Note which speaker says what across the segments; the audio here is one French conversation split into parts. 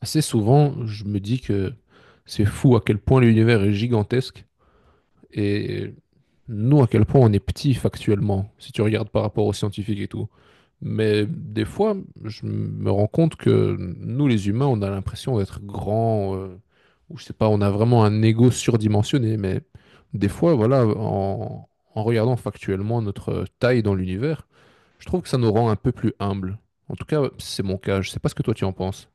Speaker 1: Assez souvent, je me dis que c'est fou à quel point l'univers est gigantesque et nous, à quel point on est petit factuellement, si tu regardes par rapport aux scientifiques et tout. Mais des fois, je me rends compte que nous, les humains, on a l'impression d'être grands, ou je sais pas, on a vraiment un ego surdimensionné. Mais des fois, voilà, en regardant factuellement notre taille dans l'univers, je trouve que ça nous rend un peu plus humbles. En tout cas, c'est mon cas. Je sais pas ce que toi tu en penses.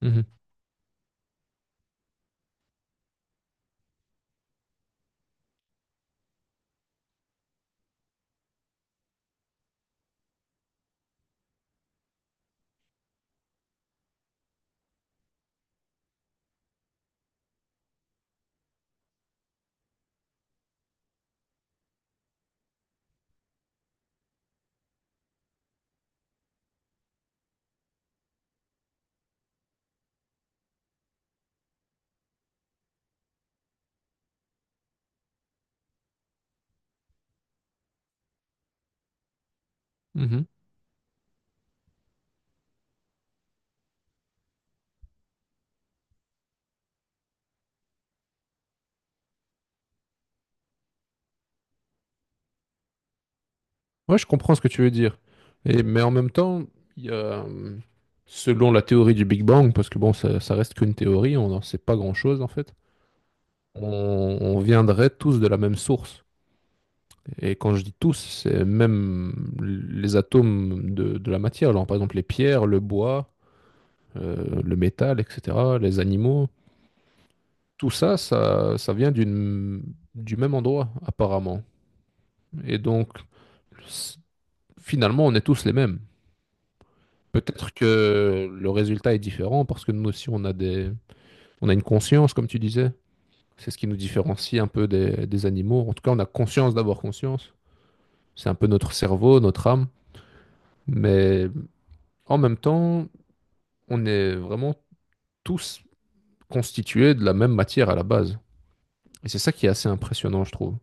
Speaker 1: Mhm, mhm. Ouais, je comprends ce que tu veux dire. Et, mais en même temps, il y a, euh, selon la théorie du Big Bang, parce que bon, ça reste qu'une théorie, on n'en sait pas grand-chose en fait, on viendrait tous de la même source. Et quand je dis tous, c'est même les atomes de la matière. Alors, par exemple, les pierres, le bois, le métal, etc., les animaux. Tout ça, ça vient d'une, du même endroit, apparemment. Et donc, c- finalement, on est tous les mêmes. Peut-être que le résultat est différent parce que nous aussi, on a une conscience, comme tu disais. C'est ce qui nous différencie un peu des animaux. En tout cas, on a conscience d'avoir conscience. C'est un peu notre cerveau, notre âme. Mais en même temps, on est vraiment tous constitués de la même matière à la base. Et c'est ça qui est assez impressionnant, je trouve.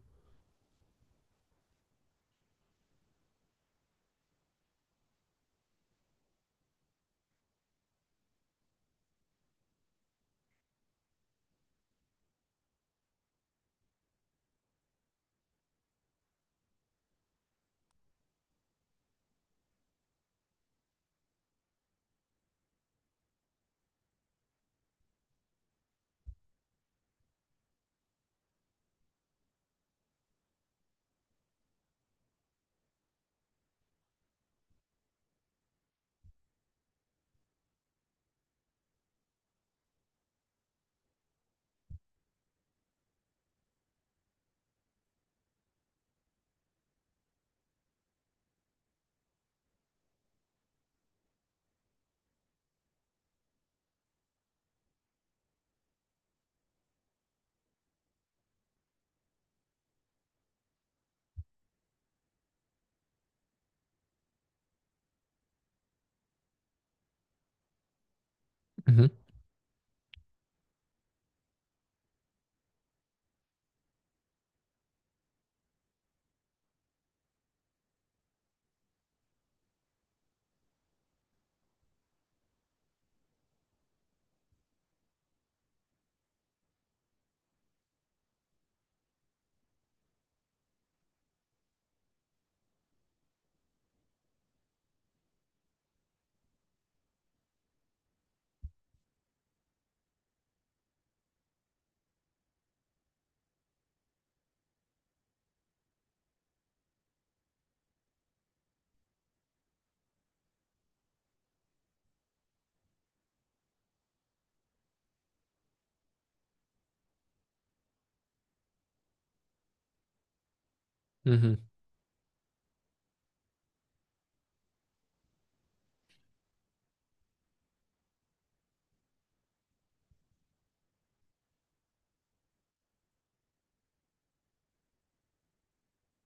Speaker 1: Mhm. Mhm.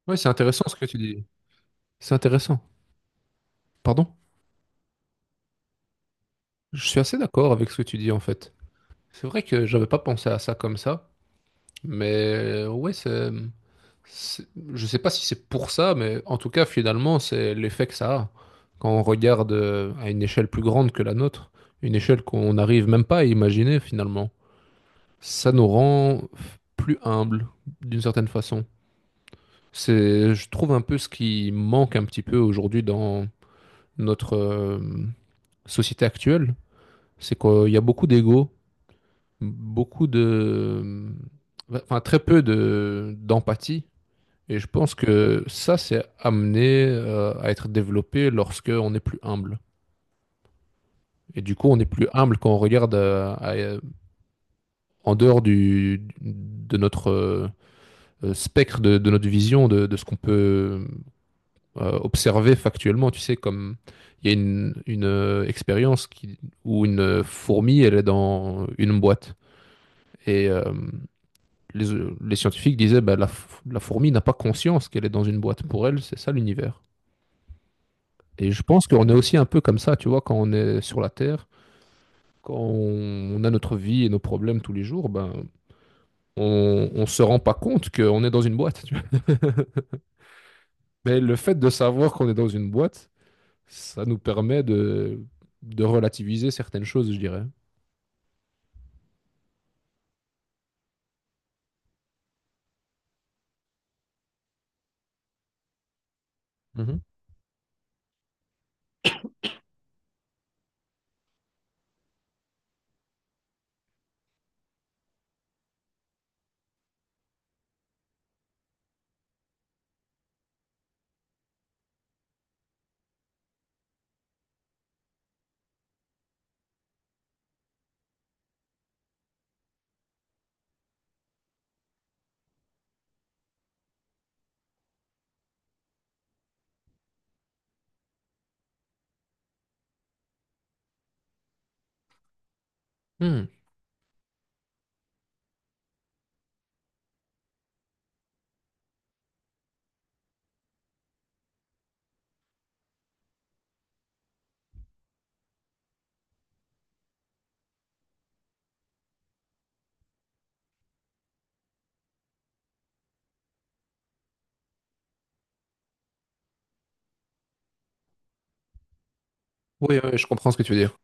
Speaker 1: Ouais, c'est intéressant ce que tu dis. C'est intéressant. Pardon? Je suis assez d'accord avec ce que tu dis en fait. C'est vrai que j'avais pas pensé à ça comme ça, mais ouais, c'est. C'est- Je sais pas si c'est pour ça, mais en tout cas, finalement, c'est l'effet que ça a. Quand on regarde à une échelle plus grande que la nôtre, une échelle qu'on n'arrive même pas à imaginer finalement, ça nous rend plus humbles d'une certaine façon. C'est, je trouve, un peu ce qui manque un petit peu aujourd'hui dans notre société actuelle, c'est qu'il y a beaucoup d'ego, beaucoup de, enfin très peu de d'empathie. Et je pense que ça, c'est amené à être développé lorsque on est plus humble. Et du coup, on est plus humble quand on regarde en dehors du, de notre spectre, de notre vision, de ce qu'on peut observer factuellement. Tu sais, comme il y a une expérience où une fourmi, elle est dans une boîte. Et les, les scientifiques disaient, bah, la fourmi n'a pas conscience qu'elle est dans une boîte. Pour elle, c'est ça l'univers. Et je pense qu'on est aussi un peu comme ça, tu vois, quand on est sur la Terre, quand on a notre vie et nos problèmes tous les jours, ben, on se rend pas compte qu'on est dans une boîte. Tu vois. Mais le fait de savoir qu'on est dans une boîte, ça nous permet de relativiser certaines choses, je dirais. Mhm. Hmm. Oui, oui, je comprends ce que tu veux dire.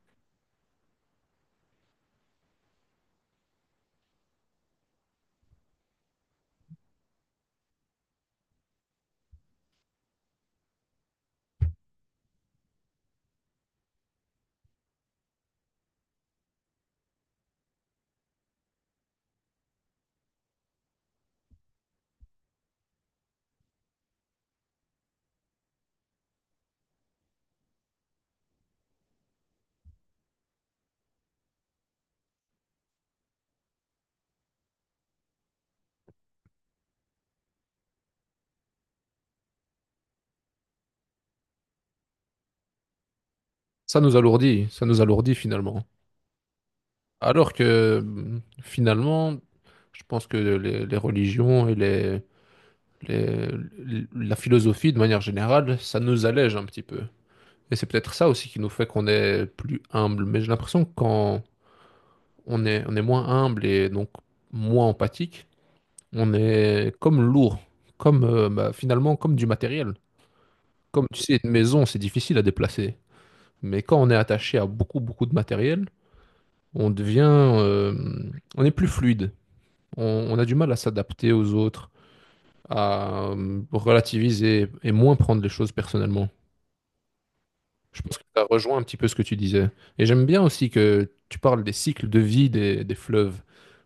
Speaker 1: Ça nous alourdit finalement. Alors que mm, finalement, je pense que les religions et les- la philosophie de manière générale, ça nous allège un petit peu. Et c'est peut-être ça aussi qui nous fait qu'on est plus humble. Mais j'ai l'impression que quand on est moins humble et donc moins empathique, on est comme lourd, comme finalement comme du matériel. Comme tu sais, une maison, c'est difficile à déplacer. Mais quand on est attaché à beaucoup, beaucoup de matériel, on devient, euh, on est plus fluide. On, on a du mal à s'adapter aux autres, à relativiser et moins prendre les choses personnellement. Je pense que ça rejoint un petit peu ce que tu disais. Et j'aime bien aussi que tu parles des cycles de vie des fleuves.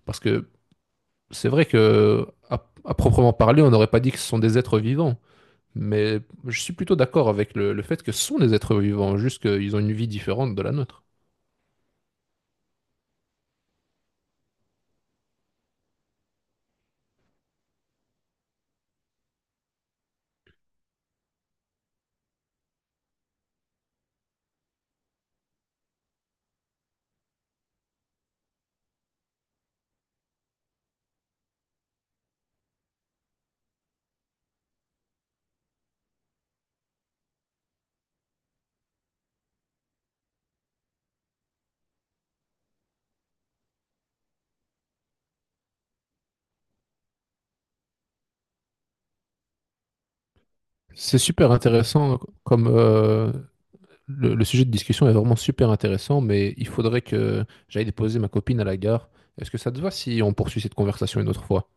Speaker 1: Parce que c'est vrai que, à proprement parler, on n'aurait pas dit que ce sont des êtres vivants. Mais je suis plutôt d'accord avec le fait que ce sont des êtres vivants, juste qu'ils ont une vie différente de la nôtre. C'est super intéressant comme le sujet de discussion est vraiment super intéressant, mais il faudrait que j'aille déposer ma copine à la gare. Est-ce que ça te va si on poursuit cette conversation une autre fois?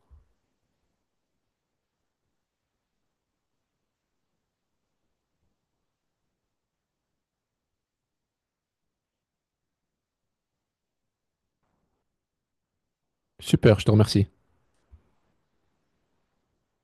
Speaker 1: Super, je te remercie.